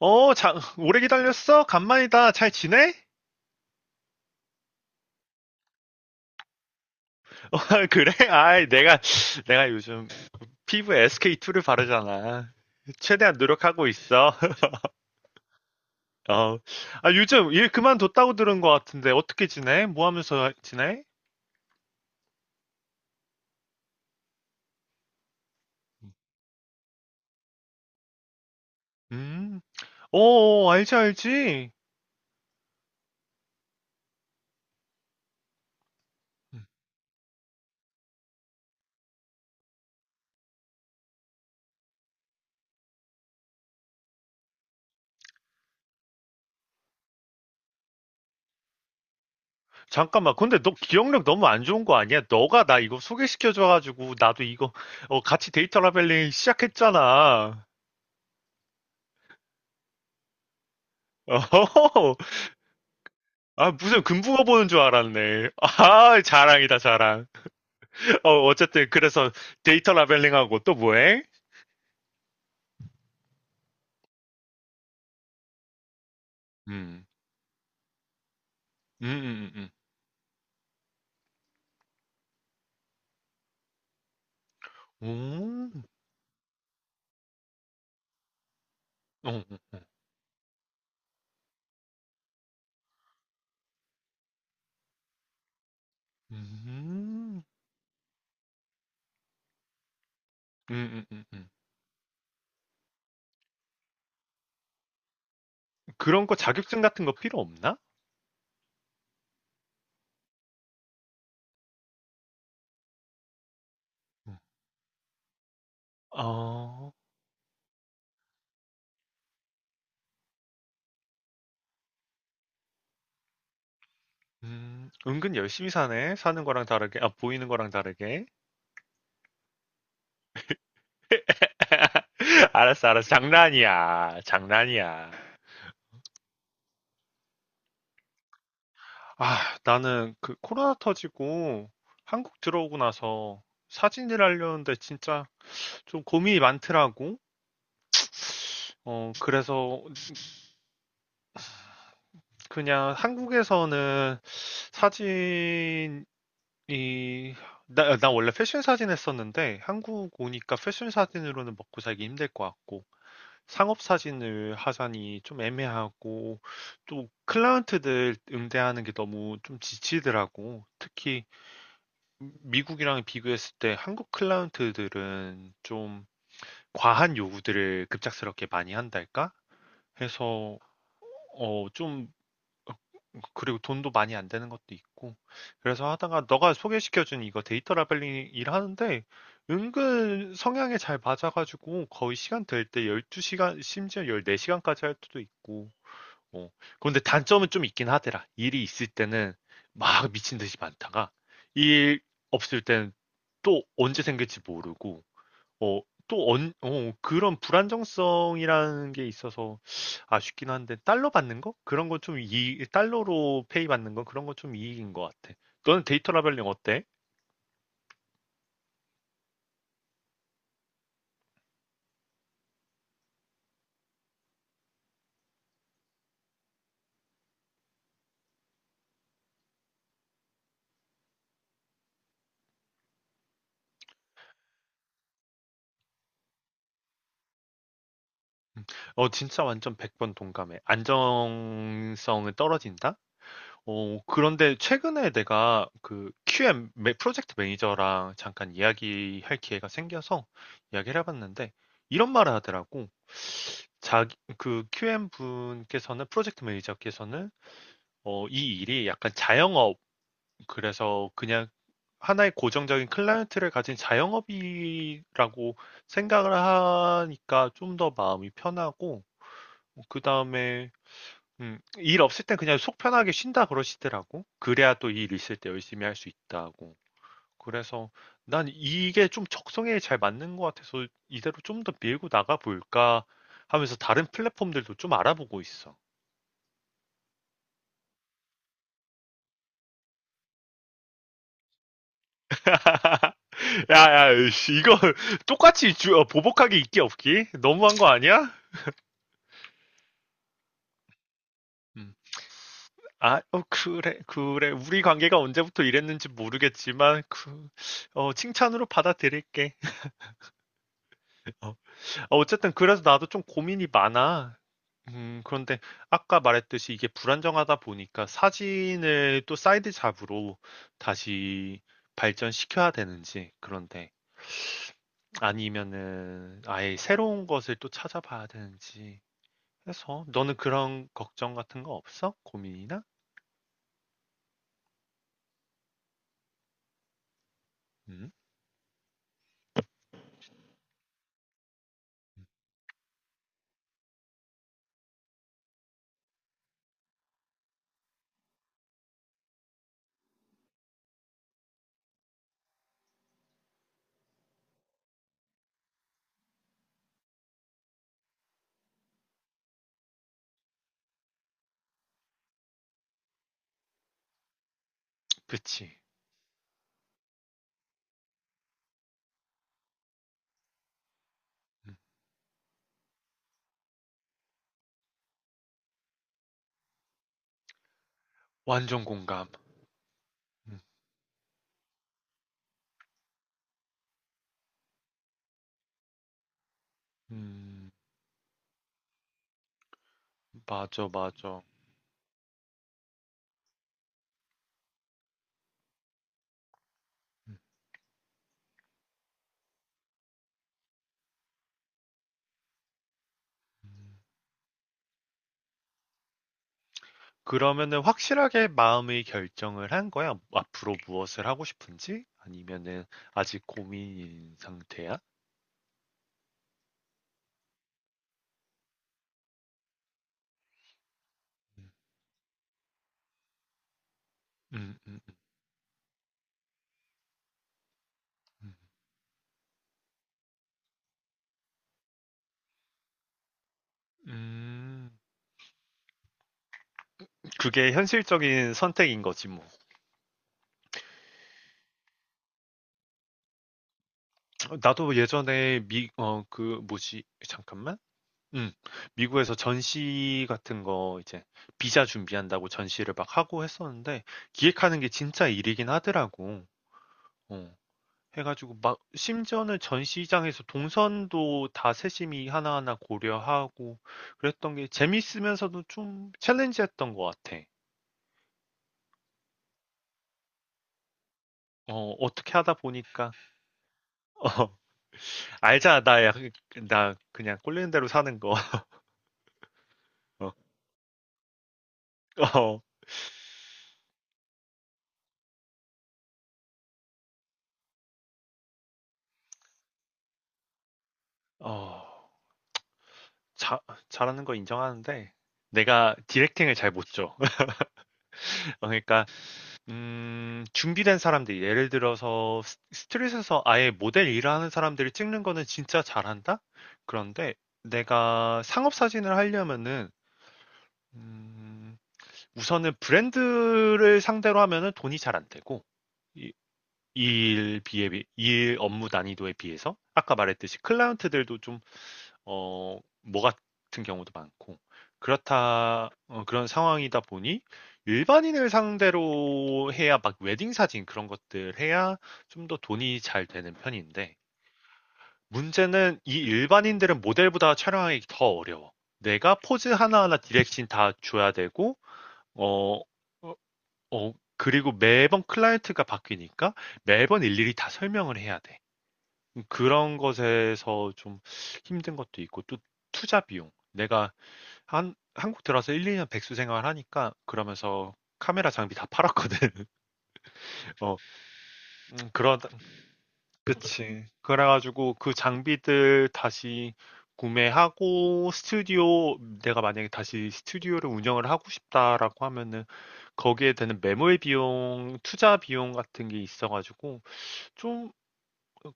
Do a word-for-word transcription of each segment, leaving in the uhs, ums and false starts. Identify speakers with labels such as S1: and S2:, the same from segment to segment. S1: 어, 자, 오래 기다렸어? 간만이다. 잘 지내? 어, 그래? 아이, 내가, 내가 요즘 피부에 에스케이투를 바르잖아. 최대한 노력하고 있어. 어, 아, 요즘 일 그만뒀다고 들은 것 같은데, 어떻게 지내? 뭐 하면서 지내? 음, 어, 어, 알지, 알지. 잠깐만, 근데 너 기억력 너무 안 좋은 거 아니야? 너가 나 이거 소개시켜줘가지고, 나도 이거, 어, 같이 데이터 라벨링 시작했잖아. 어, 아, 무슨 금붕어 보는 줄 알았네. 아, 자랑이다, 자랑. 어, 어쨌든, 그래서 데이터 라벨링하고 또 뭐해? 음, 음, 음, 음, 음. 오, 어, 어, 어. 음, 음, 음, 음, 음. 그런 거 자격증 같은 거 필요 없나? 음. 어, 음, 은근 열심히 사네. 사는 거랑 다르게, 아, 보이는 거랑 다르게. 알았어, 알았어. 장난이야. 장난이야. 아, 나는 그 코로나 터지고 한국 들어오고 나서 사진을 하려는데 진짜 좀 고민이 많더라고. 어, 그래서 그냥 한국에서는 사진이, 나, 나 원래 패션 사진 했었는데 한국 오니까 패션 사진으로는 먹고 살기 힘들 것 같고 상업 사진을 하자니 좀 애매하고 또 클라이언트들 응대하는 게 너무 좀 지치더라고. 특히 미국이랑 비교했을 때 한국 클라이언트들은 좀 과한 요구들을 급작스럽게 많이 한달까? 해서 어 좀 그리고 돈도 많이 안 되는 것도 있고 그래서 하다가 너가 소개시켜준 이거 데이터 라벨링 일하는데 은근 성향에 잘 맞아가지고 거의 시간 될 때 열두 시간 심지어 열네 시간까지 할 때도 있고 어. 그런데 단점은 좀 있긴 하더라. 일이 있을 때는 막 미친 듯이 많다가 일 없을 때는 또 언제 생길지 모르고 어, 또 언, 어, 그런 불안정성이라는 게 있어서 아쉽긴 한데 달러 받는 거? 그런 건 좀 이, 달러로 페이 받는 건 그런 건 좀 이익인 것 같아. 너는 데이터 라벨링 어때? 음. 어, 진짜 완전 백 번 동감해. 안정성은 떨어진다? 어, 그런데 최근에 내가 그 큐엠 매- 프로젝트 매니저랑 잠깐 이야기할 기회가 생겨서 이야기를 해봤는데 이런 말을 하더라고. 자기 그 큐엠 분께서는 프로젝트 매니저께서는 어, 이 일이 약간 자영업 그래서 그냥 하나의 고정적인 클라이언트를 가진 자영업이라고 생각을 하니까 좀 더 마음이 편하고 그 다음에 음, 일 없을 땐 그냥 속 편하게 쉰다 그러시더라고. 그래야 또 일 있을 때 열심히 할 수 있다고. 그래서 난 이게 좀 적성에 잘 맞는 것 같아서 이대로 좀 더 밀고 나가 볼까 하면서 다른 플랫폼들도 좀 알아보고 있어. 야, 야, 씨, 이거 똑같이 주- 어, 보복하기 있기 없기? 너무한 거 아니야? 음. 아, 어, 그래, 그래. 우리 관계가 언제부터 이랬는지 모르겠지만, 그, 어, 칭찬으로 받아들일게. 어, 어쨌든 그래서 나도 좀 고민이 많아. 음, 그런데 아까 말했듯이 이게 불안정하다 보니까 사진을 또 사이드 잡으로 다시 발전시켜야 되는지, 그런데 아니면은 아예 새로운 것을 또 찾아봐야 되는지 해서 너는 그런 걱정 같은 거 없어? 고민이나? 음, 그치. 음, 완전 공감. 음, 음, 맞아, 맞아. 음. 그러면은 확실하게 마음의 결정을 한 거야? 앞으로 무엇을 하고 싶은지? 아니면은 아직 고민인 상태야? 음, 음, 음. 음, 그게 현실적인 선택인 거지, 뭐. 나도 예전에 미, 어, 그, 뭐지, 잠깐만. 음, 미국에서 전시 같은 거 이제 비자 준비한다고 전시를 막 하고 했었는데 기획하는 게 진짜 일이긴 하더라고. 어. 해가지고 막 심지어는 전시장에서 동선도 다 세심히 하나하나 고려하고 그랬던 게 재밌으면서도 좀 챌린지했던 것 같아. 어, 어떻게 하다 보니까 어, 알잖아 나, 약- 나 그냥 꼴리는 대로 사는 거. 어, 어, 어, 자, 잘하는 거 인정하는데 내가 디렉팅을 잘 못 줘. 그러니까 음 준비된 사람들이 예를 들어서 스 스트릿에서 아예 모델 일을 하는 사람들이 찍는 거는 진짜 잘한다? 그런데 내가 상업 사진을 하려면은 음 우선은 브랜드를 상대로 하면은 돈이 잘 안 되고 이 일 비에 비 일 업무 난이도에 비해서 아까 말했듯이 클라이언트들도 좀 어, 뭐 같은 경우도 많고. 그렇다, 어, 그런 상황이다 보니 일반인을 상대로 해야 막 웨딩 사진 그런 것들 해야 좀 더 돈이 잘 되는 편인데 문제는 이 일반인들은 모델보다 촬영하기 더 어려워. 내가 포즈 하나하나 디렉션 다 줘야 되고, 어, 어, 어, 그리고 매번 클라이언트가 바뀌니까 매번 일일이 다 설명을 해야 돼. 그런 것에서 좀 힘든 것도 있고, 또 투자 비용. 내가 한 한국 들어와서 일이 년 백수 생활 하니까 그러면서 카메라 장비 다 팔았거든. 어 음 그러다 그치. 그래 가지고 그 장비들 다시 구매하고 스튜디오 내가 만약에 다시 스튜디오를 운영을 하고 싶다라고 하면은 거기에 드는 매몰 비용, 투자 비용 같은 게 있어 가지고 좀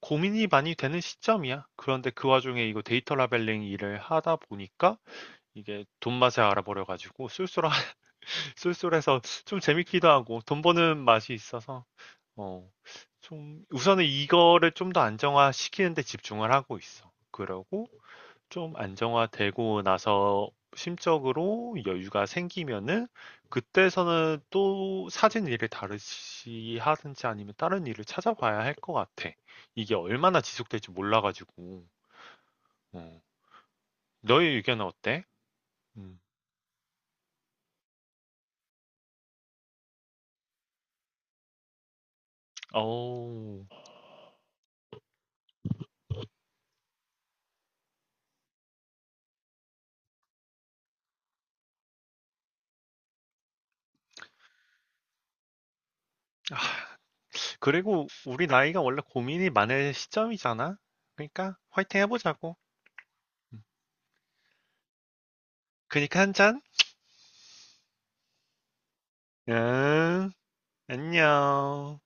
S1: 고민이 많이 되는 시점이야. 그런데 그 와중에 이거 데이터 라벨링 일을 하다 보니까 이게 돈맛에 알아버려 가지고 쏠쏠한 쏠쏠해서 좀 재밌기도 하고 돈 버는 맛이 있어서 어, 좀 우선은 이거를 좀 더 안정화시키는 데 집중을 하고 있어. 그러고 좀 안정화되고 나서 심적으로 여유가 생기면은 그때서는 또 사진 일을 다르시 하든지 아니면 다른 일을 찾아봐야 할 것 같아. 이게 얼마나 지속될지 몰라가지고. 어. 너의 의견은 어때? 음. 어 그리고 우리 나이가 원래 고민이 많을 시점이잖아. 그러니까 화이팅 해보자고. 그니까 한 잔. 응, 안녕.